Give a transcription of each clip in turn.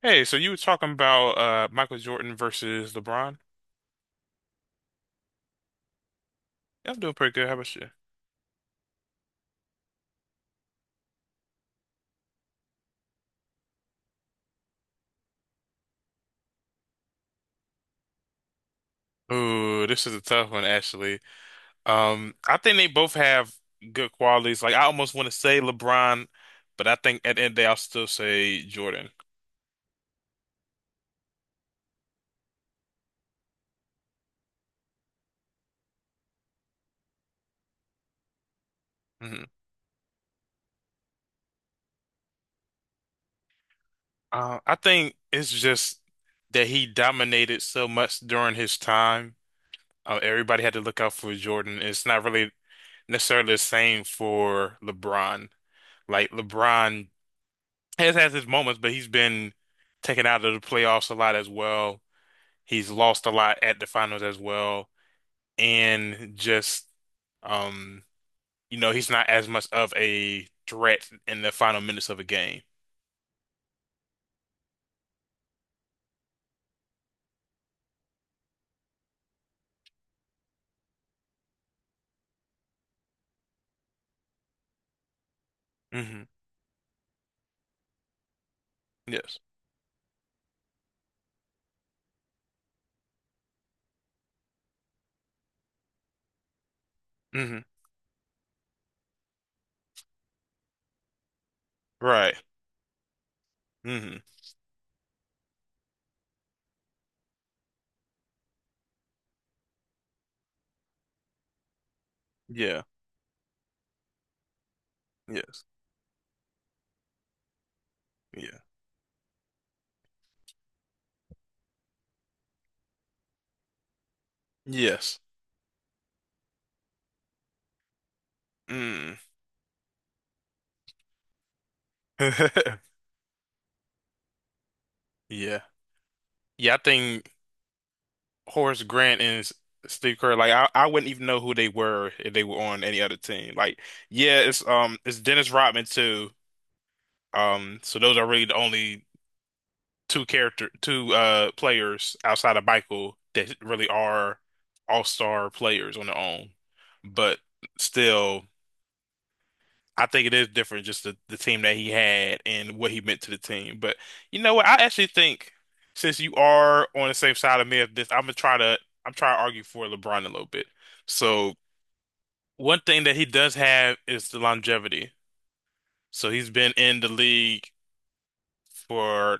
Hey, so you were talking about Michael Jordan versus LeBron? Yeah, I'm doing pretty good. How about you? Ooh, this is a tough one, actually. I think they both have good qualities. Like I almost want to say LeBron, but I think at the end of the day, I'll still say Jordan. Mhm. I think it's just that he dominated so much during his time. Everybody had to look out for Jordan. It's not really necessarily the same for LeBron. Like LeBron has his moments, but he's been taken out of the playoffs a lot as well. He's lost a lot at the finals as well, and just um, he's not as much of a threat in the final minutes of a game. Hmm. Yes. Hmm. Right. Hmm. Yeah. Yes. Yeah. Yes. Mm. Yeah. Yeah. I think. Horace Grant and Steve Kerr, like I wouldn't even know who they were if they were on any other team. Like, yeah, it's Dennis Rodman too. So those are really the only two character two players outside of Michael that really are all-star players on their own. But still. I think it is different, just the team that he had and what he meant to the team. But you know what? I actually think since you are on the same side of me of this, I'm trying to argue for LeBron a little bit. So one thing that he does have is the longevity. So he's been in the league for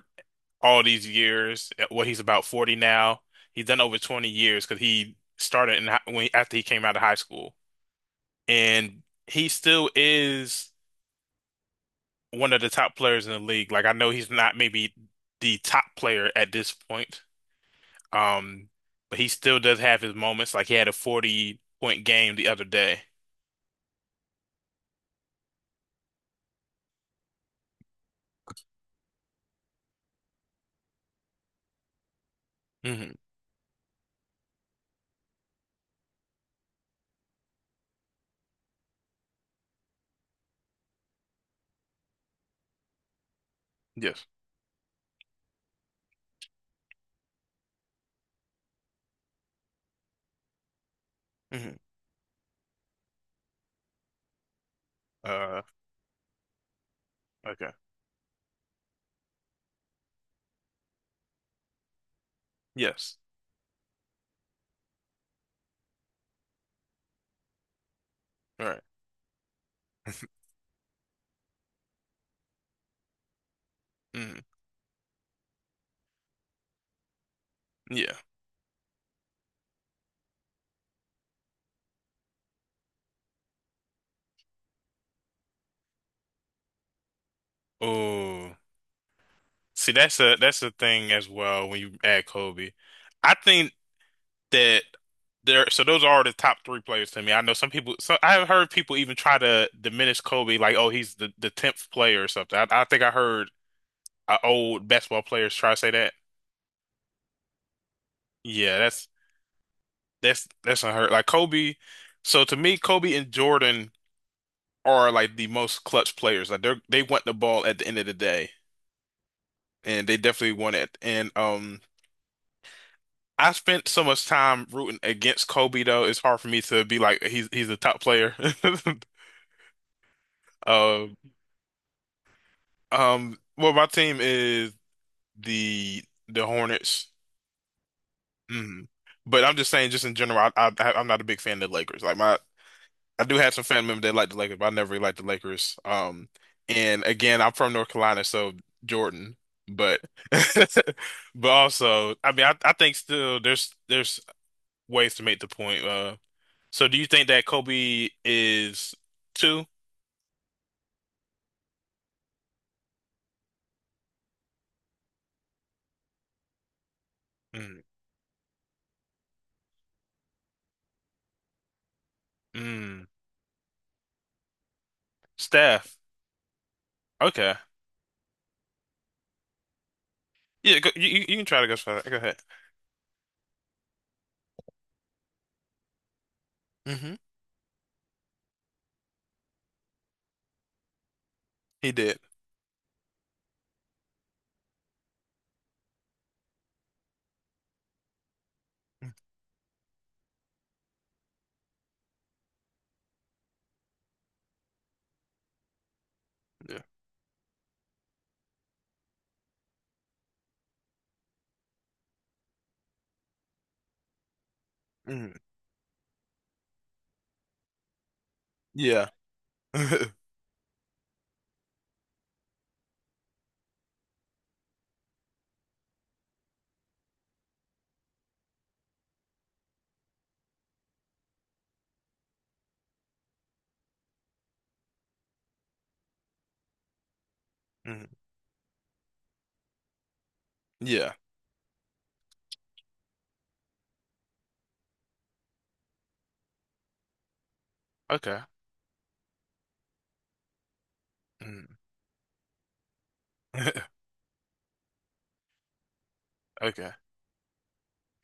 all these years. What Well, he's about 40 now. He's done over 20 years because he started in, when after he came out of high school, and he still is, one of the top players in the league. Like I know he's not maybe the top player at this point, um, but he still does have his moments. Like he had a 40 point game the other day. Hmm. Yes. Hmm. Uh, okay. Yes. All right. Mm-hmm. Yeah. Oh, see, that's a thing as well when you add Kobe. I think that there. So those are the top three players to me. I know some people. So I've heard people even try to diminish Kobe, like, oh, he's the tenth player or something. I think I heard old basketball players try to say that. Yeah, that's unheard. Like Kobe, so to me, Kobe and Jordan are like the most clutch players. Like they want the ball at the end of the day, and they definitely want it. And I spent so much time rooting against Kobe though. It's hard for me to be like he's a top player. Uh, well, my team is the the Hornets. Mhm. But I'm just saying, just in general, I'm not a big fan of the Lakers. Like my I do have some family members that like the Lakers, but I never really liked the Lakers. And again, I'm from North Carolina, so Jordan. But but also, I mean, I think still there's ways to make the point. So do you think that Kobe is two? Mm, mm, Steph. Okay. Yeah, go, you can try to go for that. Go ahead. Hmm. He did. Mm. Yeah. Mm, yeah. Mm, yeah. Okay. Mm. Okay.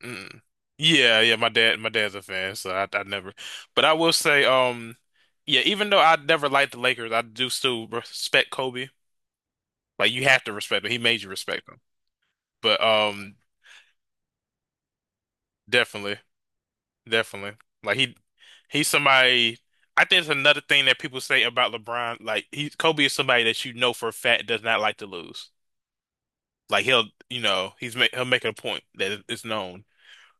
Mm. Yeah, yeah, my dad's a fan, so I never. But I will say yeah, even though I never liked the Lakers, I do still respect Kobe. Like you have to respect him. He made you respect him. But definitely, definitely. Like he's somebody. I think it's another thing that people say about LeBron, like he Kobe is somebody that you know for a fact does not like to lose. Like he'll, you know, he's make he'll make a point that is known.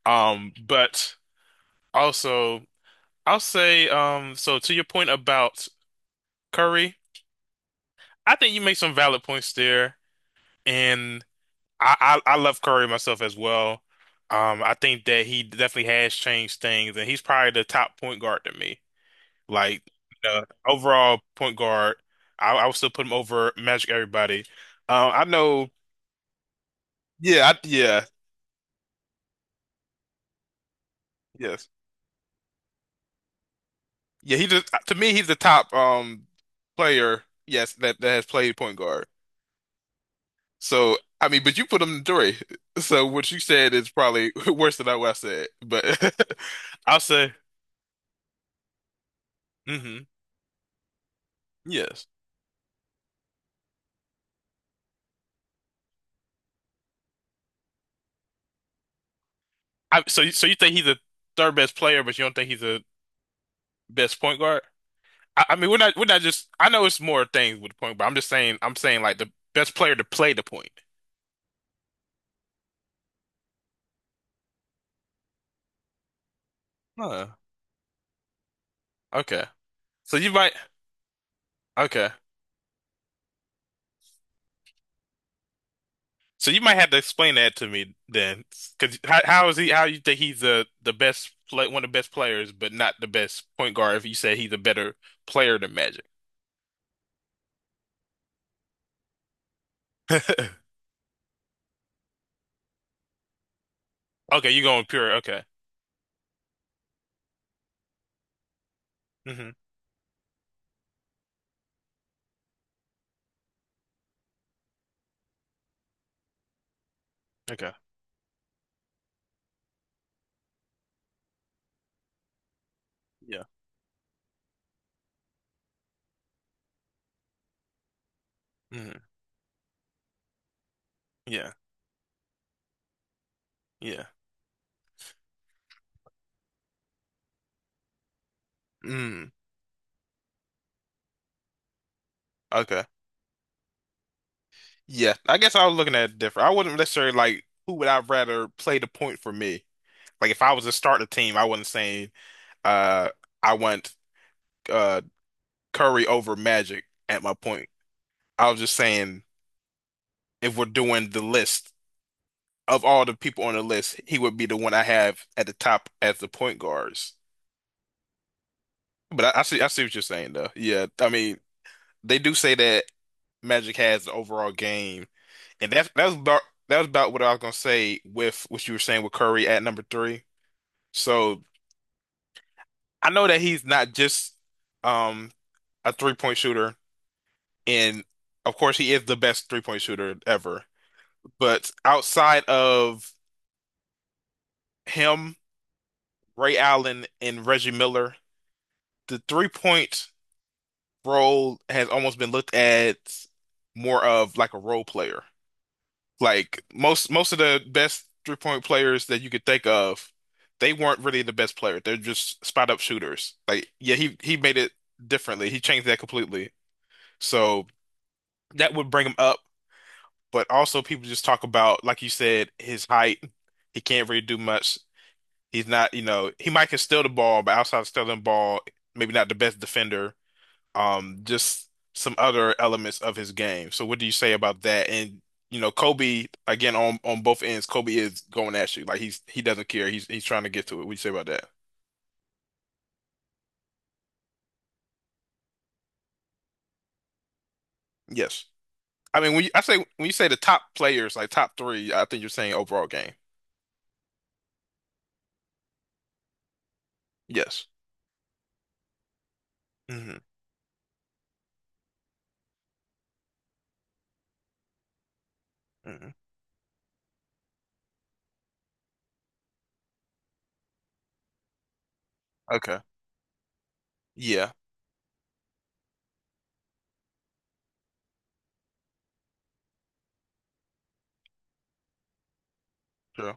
But also I'll say, so to your point about Curry, I think you make some valid points there, and I love Curry myself as well. I think that he definitely has changed things, and he's probably the top point guard to me. Like, overall point guard, I would still put him over Magic everybody. I know, yeah, yeah, yes, yeah. He just to me, he's the top player, yes, that has played point guard. So, I mean, but you put them in three. So what you said is probably worse than what I said. But I'll say, hmm yes. So you think he's the third best player, but you don't think he's the best point guard? I mean, we're not just. I know it's more things with the point, but I'm saying like the best player to play the point. Huh. Okay. So you might. Okay. So you might have to explain that to me then, because how is he? How you think he's one of the best players, but not the best point guard? If you say he's a better player than Magic, okay, you're going pure. Okay. Hmm. Okay, yeah. Hmm. Yeah, yeah. Mm. Okay, yeah. I guess I was looking at it different. I wouldn't necessarily like who would I rather play the point for me. Like if I was to start a team, I wasn't saying uh I want uh Curry over Magic at my point. I was just saying, if we're doing the list of all the people on the list, he would be the one I have at the top as the point guards. But I see what you're saying, though. Yeah, I mean, they do say that Magic has the overall game, and that was about what I was gonna say with what you were saying with Curry at number three. So I know that he's not just um a three-point shooter, and of course he is the best three-point shooter ever. But outside of him, Ray Allen and Reggie Miller, the three-point role has almost been looked at more of like a role player. Like most of the best three-point players that you could think of, they weren't really the best player. They're just spot up shooters. Like yeah, he made it differently. He changed that completely. So that would bring him up. But also people just talk about, like you said, his height. He can't really do much. He's not, you know, he might can steal the ball, but outside of stealing the ball, maybe not the best defender. Just some other elements of his game. So what do you say about that? And Kobe again on both ends, Kobe is going at you like he doesn't care. He's trying to get to it. What do you say about that? Yes. I mean, when you say the top players, like top three, I think you're saying overall game. Yes. Hmm. Hmm. Okay. Yeah. True.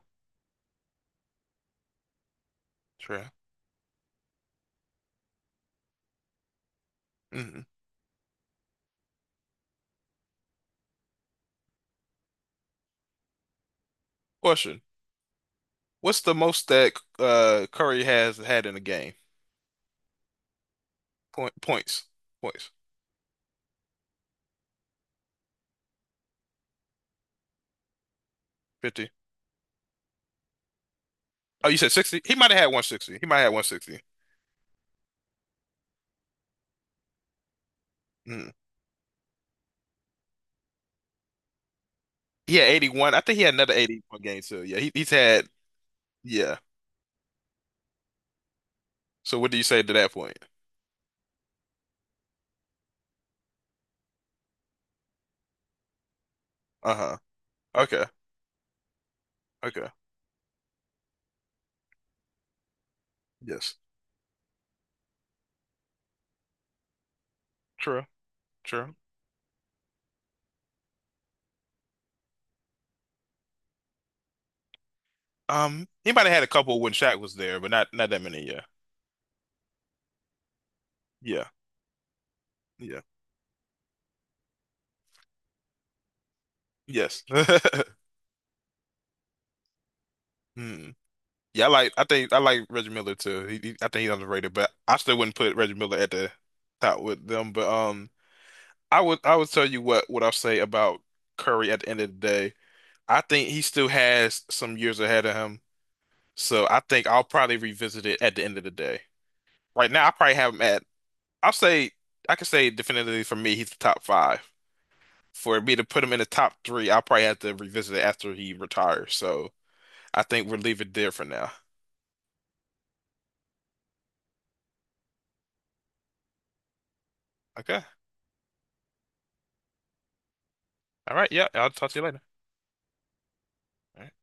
True. Hmm. Question: What's the most that Curry has had in a game? Point points. Points. 50. Oh, you said 60? He might have had 160. He might have had 160. He had 81. I think he had another 81 game too. Yeah, he's had yeah. So what do you say to that point? Uh-huh. Okay. Okay. Yes. True. True. He might have had a couple when Shaq was there, but not that many. Yeah. Yeah. Yeah. Yes. Hmm. Yeah, I think I like Reggie Miller too. I think he's underrated, but I still wouldn't put Reggie Miller at the top with them. But I would tell you what I'll say about Curry at the end of the day. I think he still has some years ahead of him. So I think I'll probably revisit it at the end of the day. Right now, I probably have him at, I'll say, I can say definitively for me, he's the top five. For me to put him in the top three, I'll probably have to revisit it after he retires. So I think we'll leave it there for now. Okay. All right. Yeah. I'll talk to you later. All right.